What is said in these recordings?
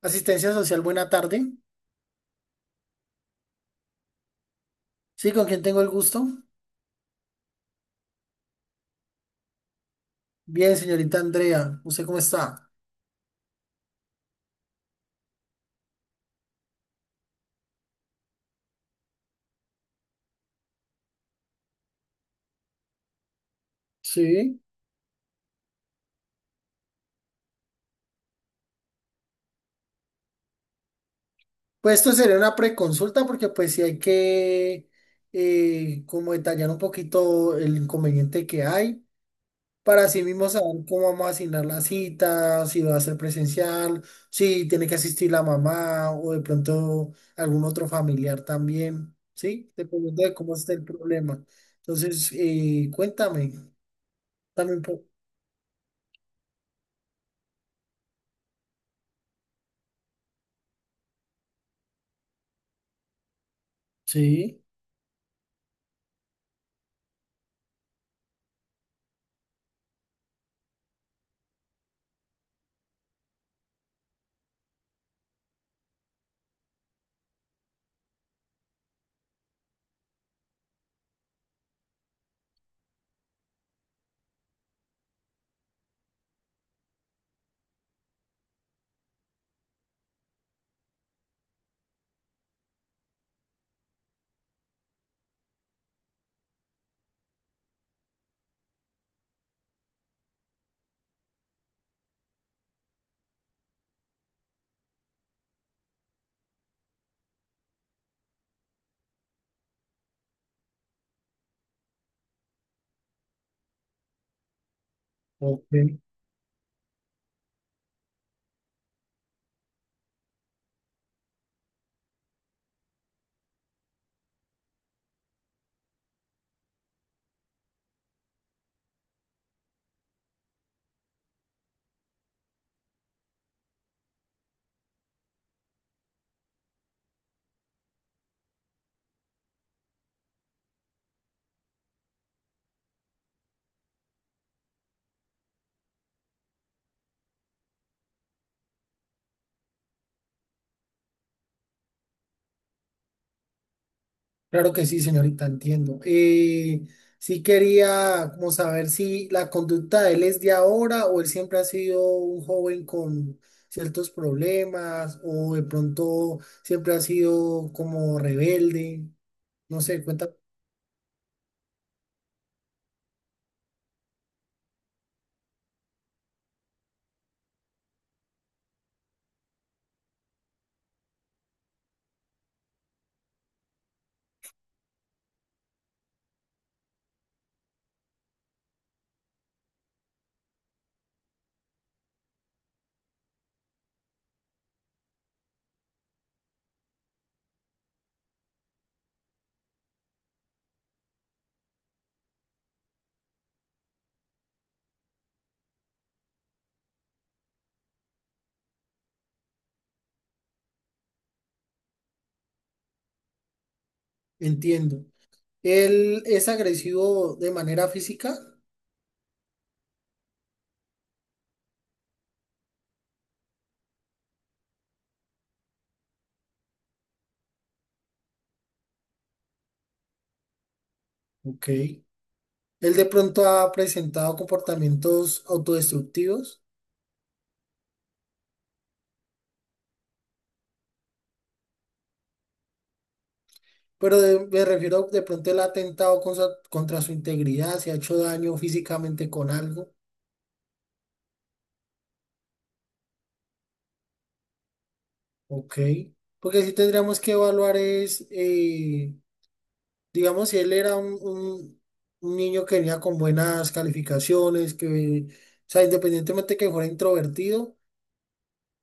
Asistencia Social, buena tarde. Sí, ¿con quién tengo el gusto? Bien, señorita Andrea, ¿usted cómo está? Sí. Pues esto sería una preconsulta porque pues sí hay que como detallar un poquito el inconveniente que hay para así mismo saber cómo vamos a asignar la cita, si va a ser presencial, si tiene que asistir la mamá o de pronto algún otro familiar también, ¿sí? Dependiendo de cómo esté el problema. Entonces, cuéntame también. Sí. Ok. Claro que sí, señorita, entiendo. Sí quería como saber si la conducta de él es de ahora o él siempre ha sido un joven con ciertos problemas o de pronto siempre ha sido como rebelde. No sé, cuenta, entiendo. ¿Él es agresivo de manera física? Ok. ¿Él de pronto ha presentado comportamientos autodestructivos? Pero me refiero de pronto el atentado contra su integridad, se ha hecho daño físicamente con algo. Ok. Porque sí tendríamos que evaluar es, digamos, si él era un niño que venía con buenas calificaciones, que, o sea, independientemente que fuera introvertido,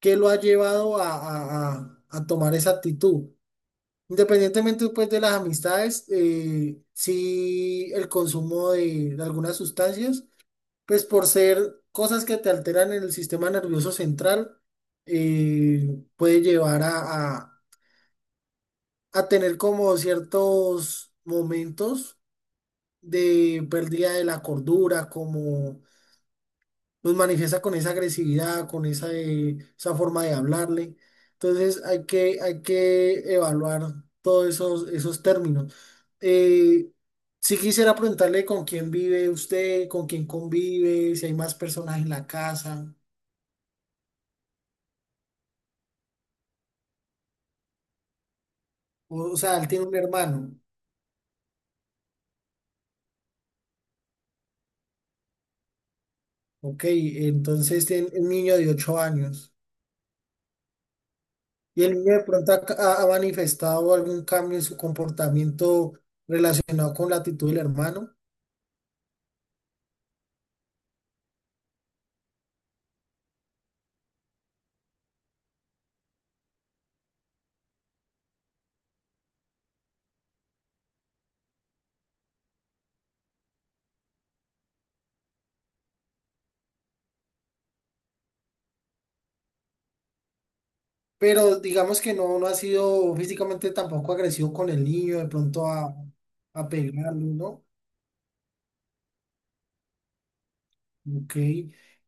¿qué lo ha llevado a tomar esa actitud? Independientemente, pues, de las amistades, si el consumo de algunas sustancias. Pues por ser cosas que te alteran en el sistema nervioso central, puede llevar a tener como ciertos momentos de pérdida de la cordura, como nos manifiesta con esa agresividad, con esa forma de hablarle. Entonces hay que evaluar todos esos términos. Eh, si quisiera preguntarle con quién vive usted, con quién convive, si hay más personas en la casa. O sea, él tiene un hermano. Ok, entonces tiene un niño de 8 años. Y el niño de pronto ha manifestado algún cambio en su comportamiento relacionado con la actitud del hermano, pero digamos que no, no ha sido físicamente tampoco agresivo con el niño, de pronto a pegarlo, ¿no? Ok.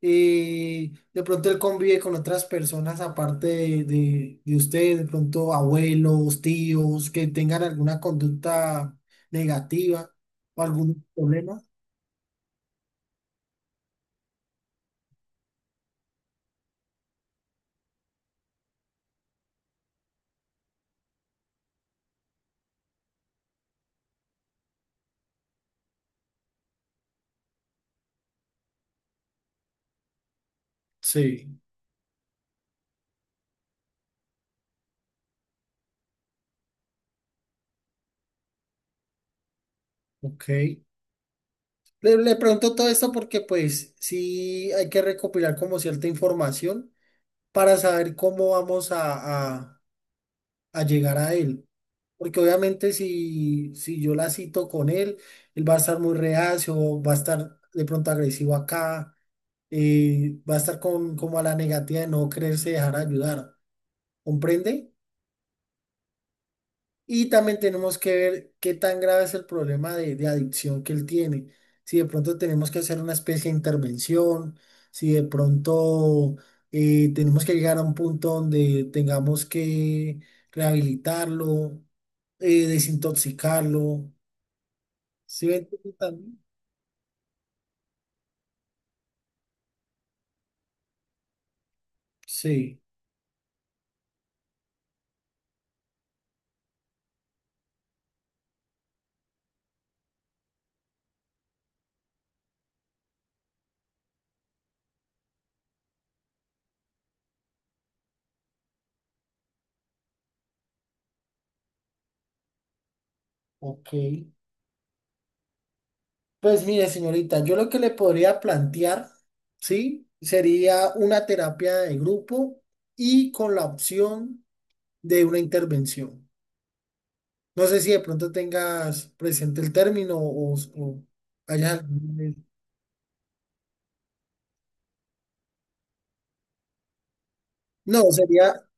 De pronto él convive con otras personas aparte de usted, de pronto abuelos, tíos, que tengan alguna conducta negativa o algún problema. Sí, ok. Le pregunto todo esto porque pues sí hay que recopilar como cierta información para saber cómo vamos a llegar a él. Porque obviamente si yo la cito con él, él va a estar muy reacio, va a estar de pronto agresivo acá, va a estar con, como a la negativa de no quererse dejar ayudar, ¿comprende? Y también tenemos que ver qué tan grave es el problema de adicción que él tiene. Si de pronto tenemos que hacer una especie de intervención, si de pronto tenemos que llegar a un punto donde tengamos que rehabilitarlo, desintoxicarlo. Sí, ven tú también. Sí, ok. Pues mire, señorita, yo lo que le podría plantear, ¿sí? Sería una terapia de grupo y con la opción de una intervención. No sé si de pronto tengas presente el término o hayas... No, sería...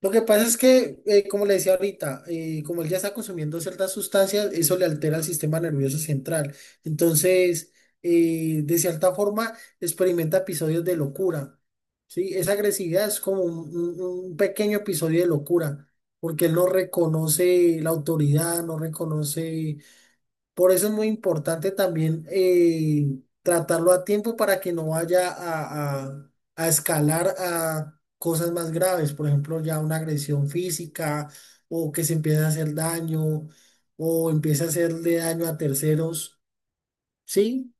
Lo que pasa es que, como le decía ahorita, como él ya está consumiendo ciertas sustancias, eso le altera el sistema nervioso central. Entonces, de cierta forma, experimenta episodios de locura. ¿Sí? Esa agresividad es como un pequeño episodio de locura, porque él no reconoce la autoridad, no reconoce. Por eso es muy importante también tratarlo a tiempo para que no vaya a escalar a cosas más graves, por ejemplo, ya una agresión física o que se empiece a hacer daño o empiece a hacerle daño a terceros, ¿sí?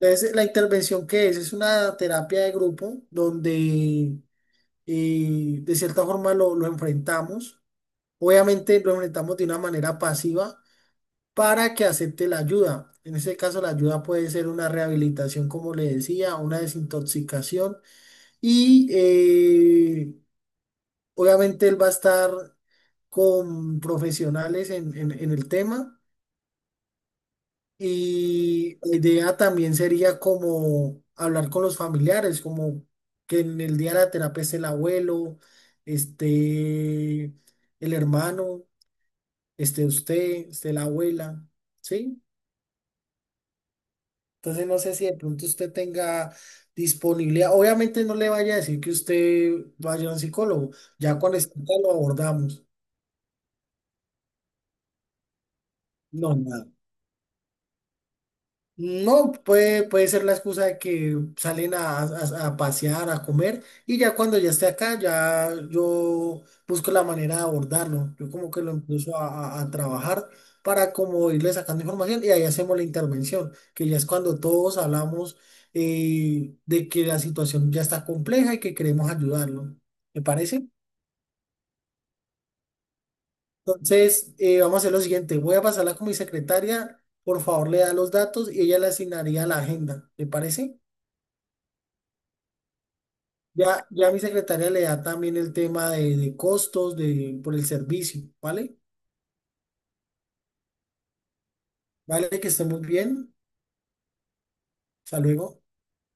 Entonces, la intervención que es una terapia de grupo donde de cierta forma lo enfrentamos. Obviamente lo enfrentamos de una manera pasiva para que acepte la ayuda. En este caso, la ayuda puede ser una rehabilitación, como le decía, una desintoxicación y obviamente él va a estar con profesionales en el tema y la idea también sería como hablar con los familiares, como que en el día de la terapia esté el abuelo, esté el hermano, esté usted, esté la abuela, ¿sí? Entonces no sé si de pronto usted tenga disponibilidad. Obviamente no le vaya a decir que usted vaya a un psicólogo. Ya cuando esté, lo abordamos. No, nada. No, puede ser la excusa de que salen a pasear, a comer, y ya cuando ya esté acá, ya yo busco la manera de abordarlo. Yo como que lo empiezo a trabajar para como irle sacando información y ahí hacemos la intervención, que ya es cuando todos hablamos de que la situación ya está compleja y que queremos ayudarlo. ¿Me parece? Entonces, vamos a hacer lo siguiente. Voy a pasarla con mi secretaria. Por favor, le da los datos y ella le asignaría la agenda. ¿Le parece? Ya mi secretaria le da también el tema de costos de, por el servicio, ¿vale? Vale, que esté muy bien. Hasta luego.